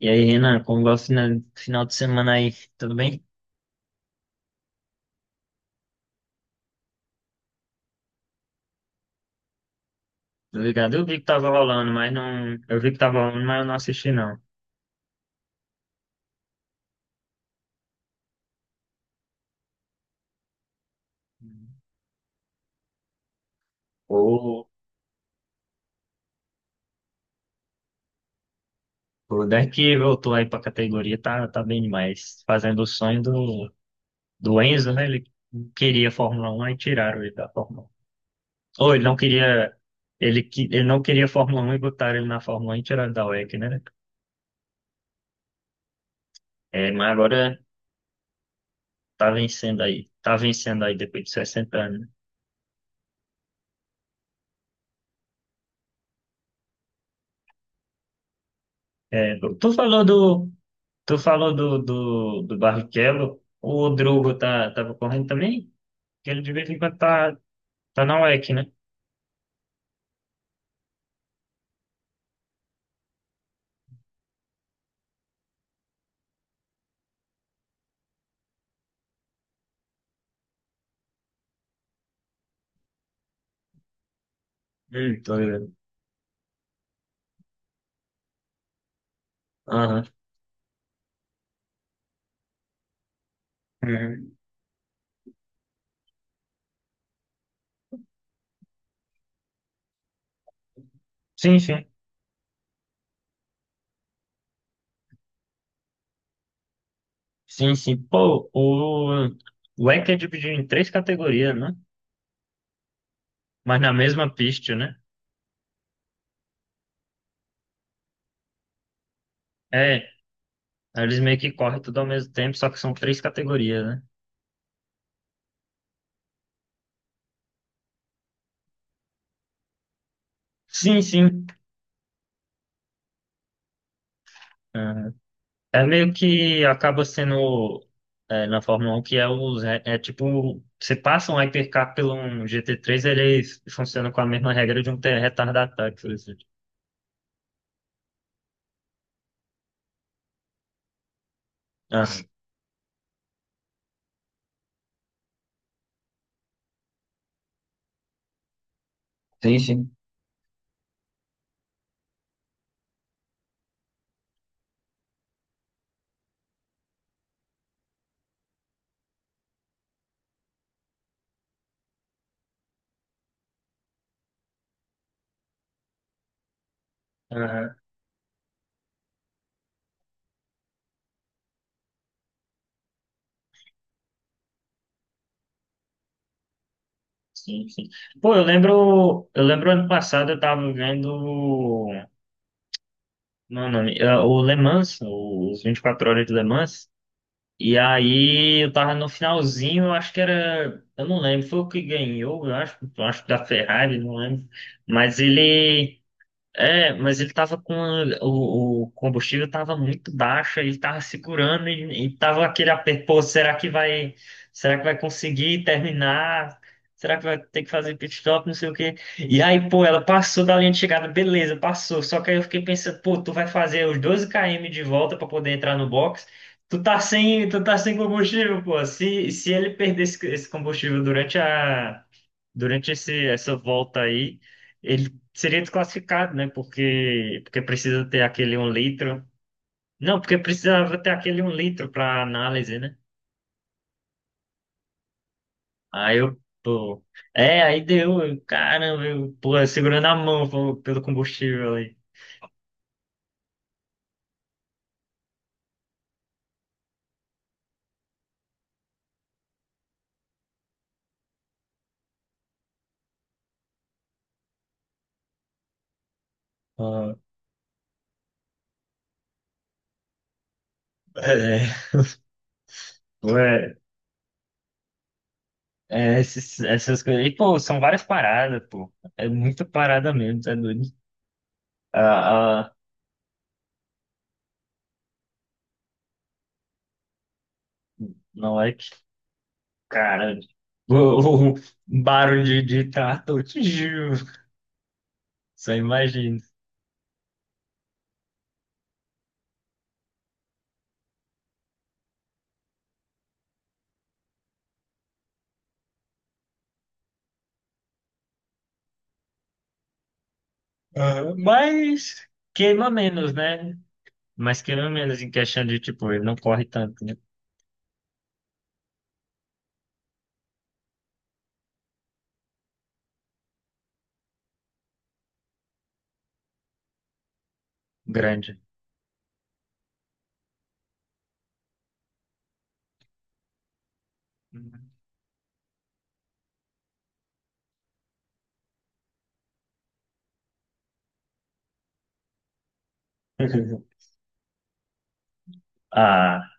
E aí, Renan, como vai o final de semana aí? Tudo bem? Tô ligado? Eu vi que tava rolando, mas não. Eu vi que tava rolando, mas eu não assisti, não. O, o Deck voltou aí pra categoria, tá bem demais. Fazendo o sonho do Enzo, né? Ele queria Fórmula 1 e tiraram ele da Fórmula 1. Ou ele não queria. Ele não queria Fórmula 1 e botaram ele na Fórmula 1 e tiraram da WEC, né? É, mas agora tá vencendo aí depois de 60 anos, né? É, tu falou do. Tu falou do Barrichello, o Drugo tava correndo também? Que ele de vez em quando tá na UEC, né? Tô ligado. Aham. Uhum. Sim, sim. Sim, sim. Pô, o ECA é dividido em três categorias, né? Mas na mesma pista, né? É, eles meio que correm tudo ao mesmo tempo, só que são três categorias, né? Sim, sim. É meio que acaba sendo na Fórmula 1 que é tipo você passa um hypercar pelo um GT3, ele funciona com a mesma regra de um retardatário, por exemplo. Ah, sim, sim. Aham, sim, sim. Pô, eu lembro ano passado eu tava vendo não, não, o Le Mans, os 24 horas de Le Mans. E aí eu tava no finalzinho, eu acho que era, eu não lembro, foi o que ganhou, eu acho que da Ferrari, não lembro. Mas ele mas ele tava com o combustível, tava muito baixo, ele tava segurando e tava aquele aperto, pô, será que vai conseguir terminar? Será que vai ter que fazer pit stop, não sei o quê. E aí, pô, ela passou da linha de chegada, beleza, passou. Só que aí eu fiquei pensando, pô, tu vai fazer os 12 km de volta para poder entrar no box. Tu tá sem combustível, pô. Se ele perder esse combustível durante essa volta aí, ele seria desclassificado, né? Porque, porque precisa ter aquele um litro. Não, porque precisava ter aquele um litro para análise, né? Aí eu, pô. É, aí deu, eu, caramba, eu, pô, eu segurando a mão, pô, pelo combustível aí. Ah, é, pô, essas coisas. E, pô, são várias paradas, pô. É muita parada mesmo, tá doido? Ah, ah, não é que, cara, o barulho de trator, tchiu, só imagina. Aham. Mas queima menos, né? Mas queima menos em questão de, tipo, ele não corre tanto, né? Grande. Uhum. Ah,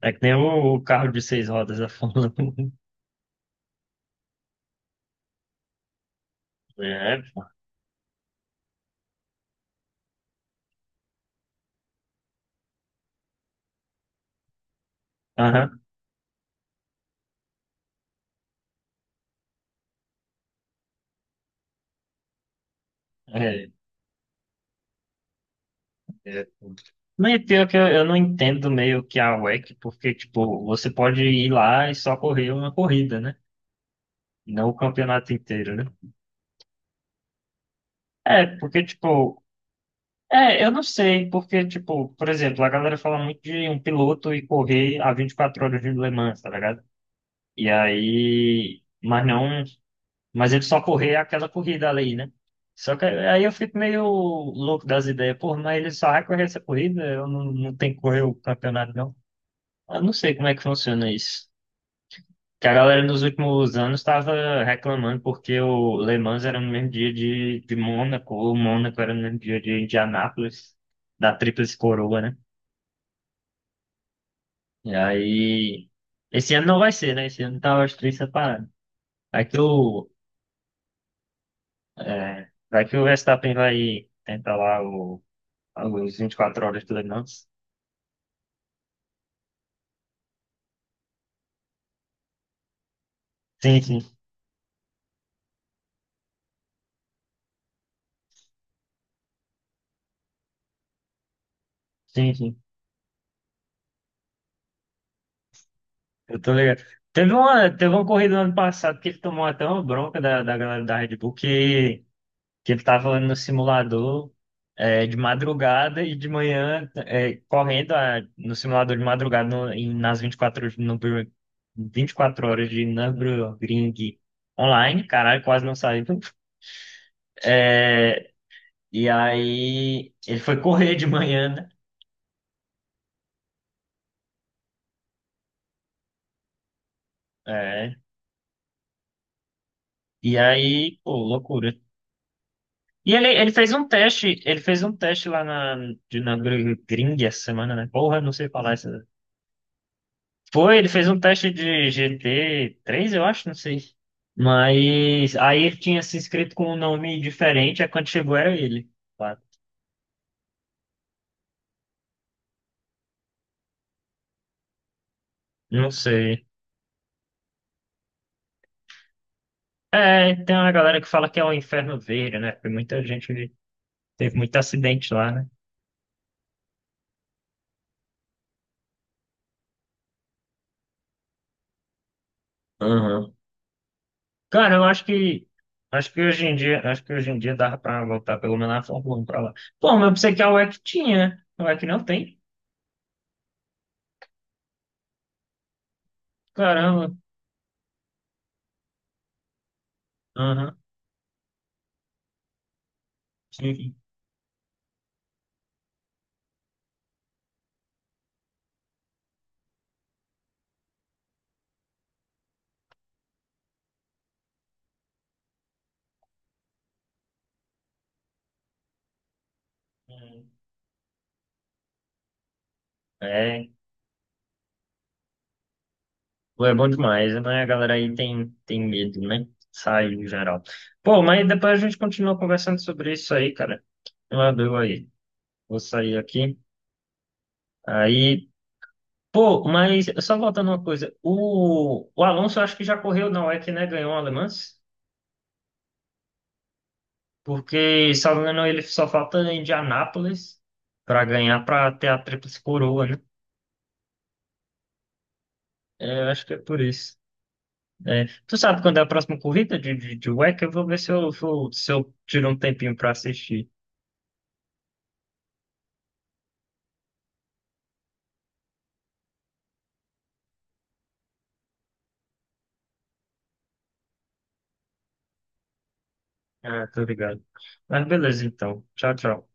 é que nem o carro de seis rodas da Fórmula 1. É, aham, é, é. Mas pior que eu não entendo meio que a WEC, porque, tipo, você pode ir lá e só correr uma corrida, né? Não o campeonato inteiro, né? É, porque, tipo, é, eu não sei, porque, tipo, por exemplo, a galera fala muito de um piloto e correr a 24 horas de Le Mans, tá ligado? E aí, mas não, mas ele só correr aquela corrida ali, né? Só que aí eu fico meio louco das ideias, pô, mas ele só vai correr essa corrida, eu não, não tenho que correr o campeonato, não. Eu não sei como é que funciona isso. Que a galera nos últimos anos estava reclamando porque o Le Mans era no mesmo dia de Mônaco, o Mônaco era no mesmo dia de Indianápolis, da Tríplice Coroa, né? E aí, esse ano não vai ser, né? Esse ano tá os três separados. Vai que o, vai que o Verstappen vai tentar lá o, os 24 horas do Le Mans. Sim, sim, sim, sim. Eu tô ligado. Teve uma corrida no ano passado que ele tomou até uma bronca da, da galera da Red Bull que ele tava no simulador de madrugada e de manhã correndo no simulador de madrugada no- em- nas 24 horas- no, Bur- 24 horas de Nürburgring online, caralho, quase não saiu. É, e aí ele foi correr de manhã, né? É, e aí, pô, loucura. E ele fez um teste lá de Nürburgring essa semana, né? Porra, não sei falar. Foi, ele fez um teste de GT três, eu acho, não sei. Mas aí ele tinha se inscrito com um nome diferente, aí quando chegou era ele. Claro. Não sei. É, tem uma galera que fala que é o Inferno Verde, né? Porque muita gente teve muito acidente lá, né? Aham. Cara, eu acho que hoje em dia dava pra voltar pelo menos na Fórmula 1 pra lá. Pô, mas eu pensei que a UEC tinha, né? A UEC não tem. Caramba. Aham. Sim. É, pô, é bom demais, né? A galera aí tem medo, né? Sai em geral. Pô, mas depois a gente continua conversando sobre isso aí, cara. Eu adoro aí. Vou sair aqui. Aí, pô, mas só voltando uma coisa. O Alonso eu acho que já correu na UEC, né? Ganhou o Le Mans. Porque, se eu não me engano, ele só falta em Indianápolis para ganhar, para ter a tríplice coroa, né? É, eu acho que é por isso. É, tu sabe quando é a próxima corrida de UEC? Eu vou ver se eu, se eu tiro um tempinho para assistir. Ah, tô ligado. Mas beleza, então. Tchau, tchau.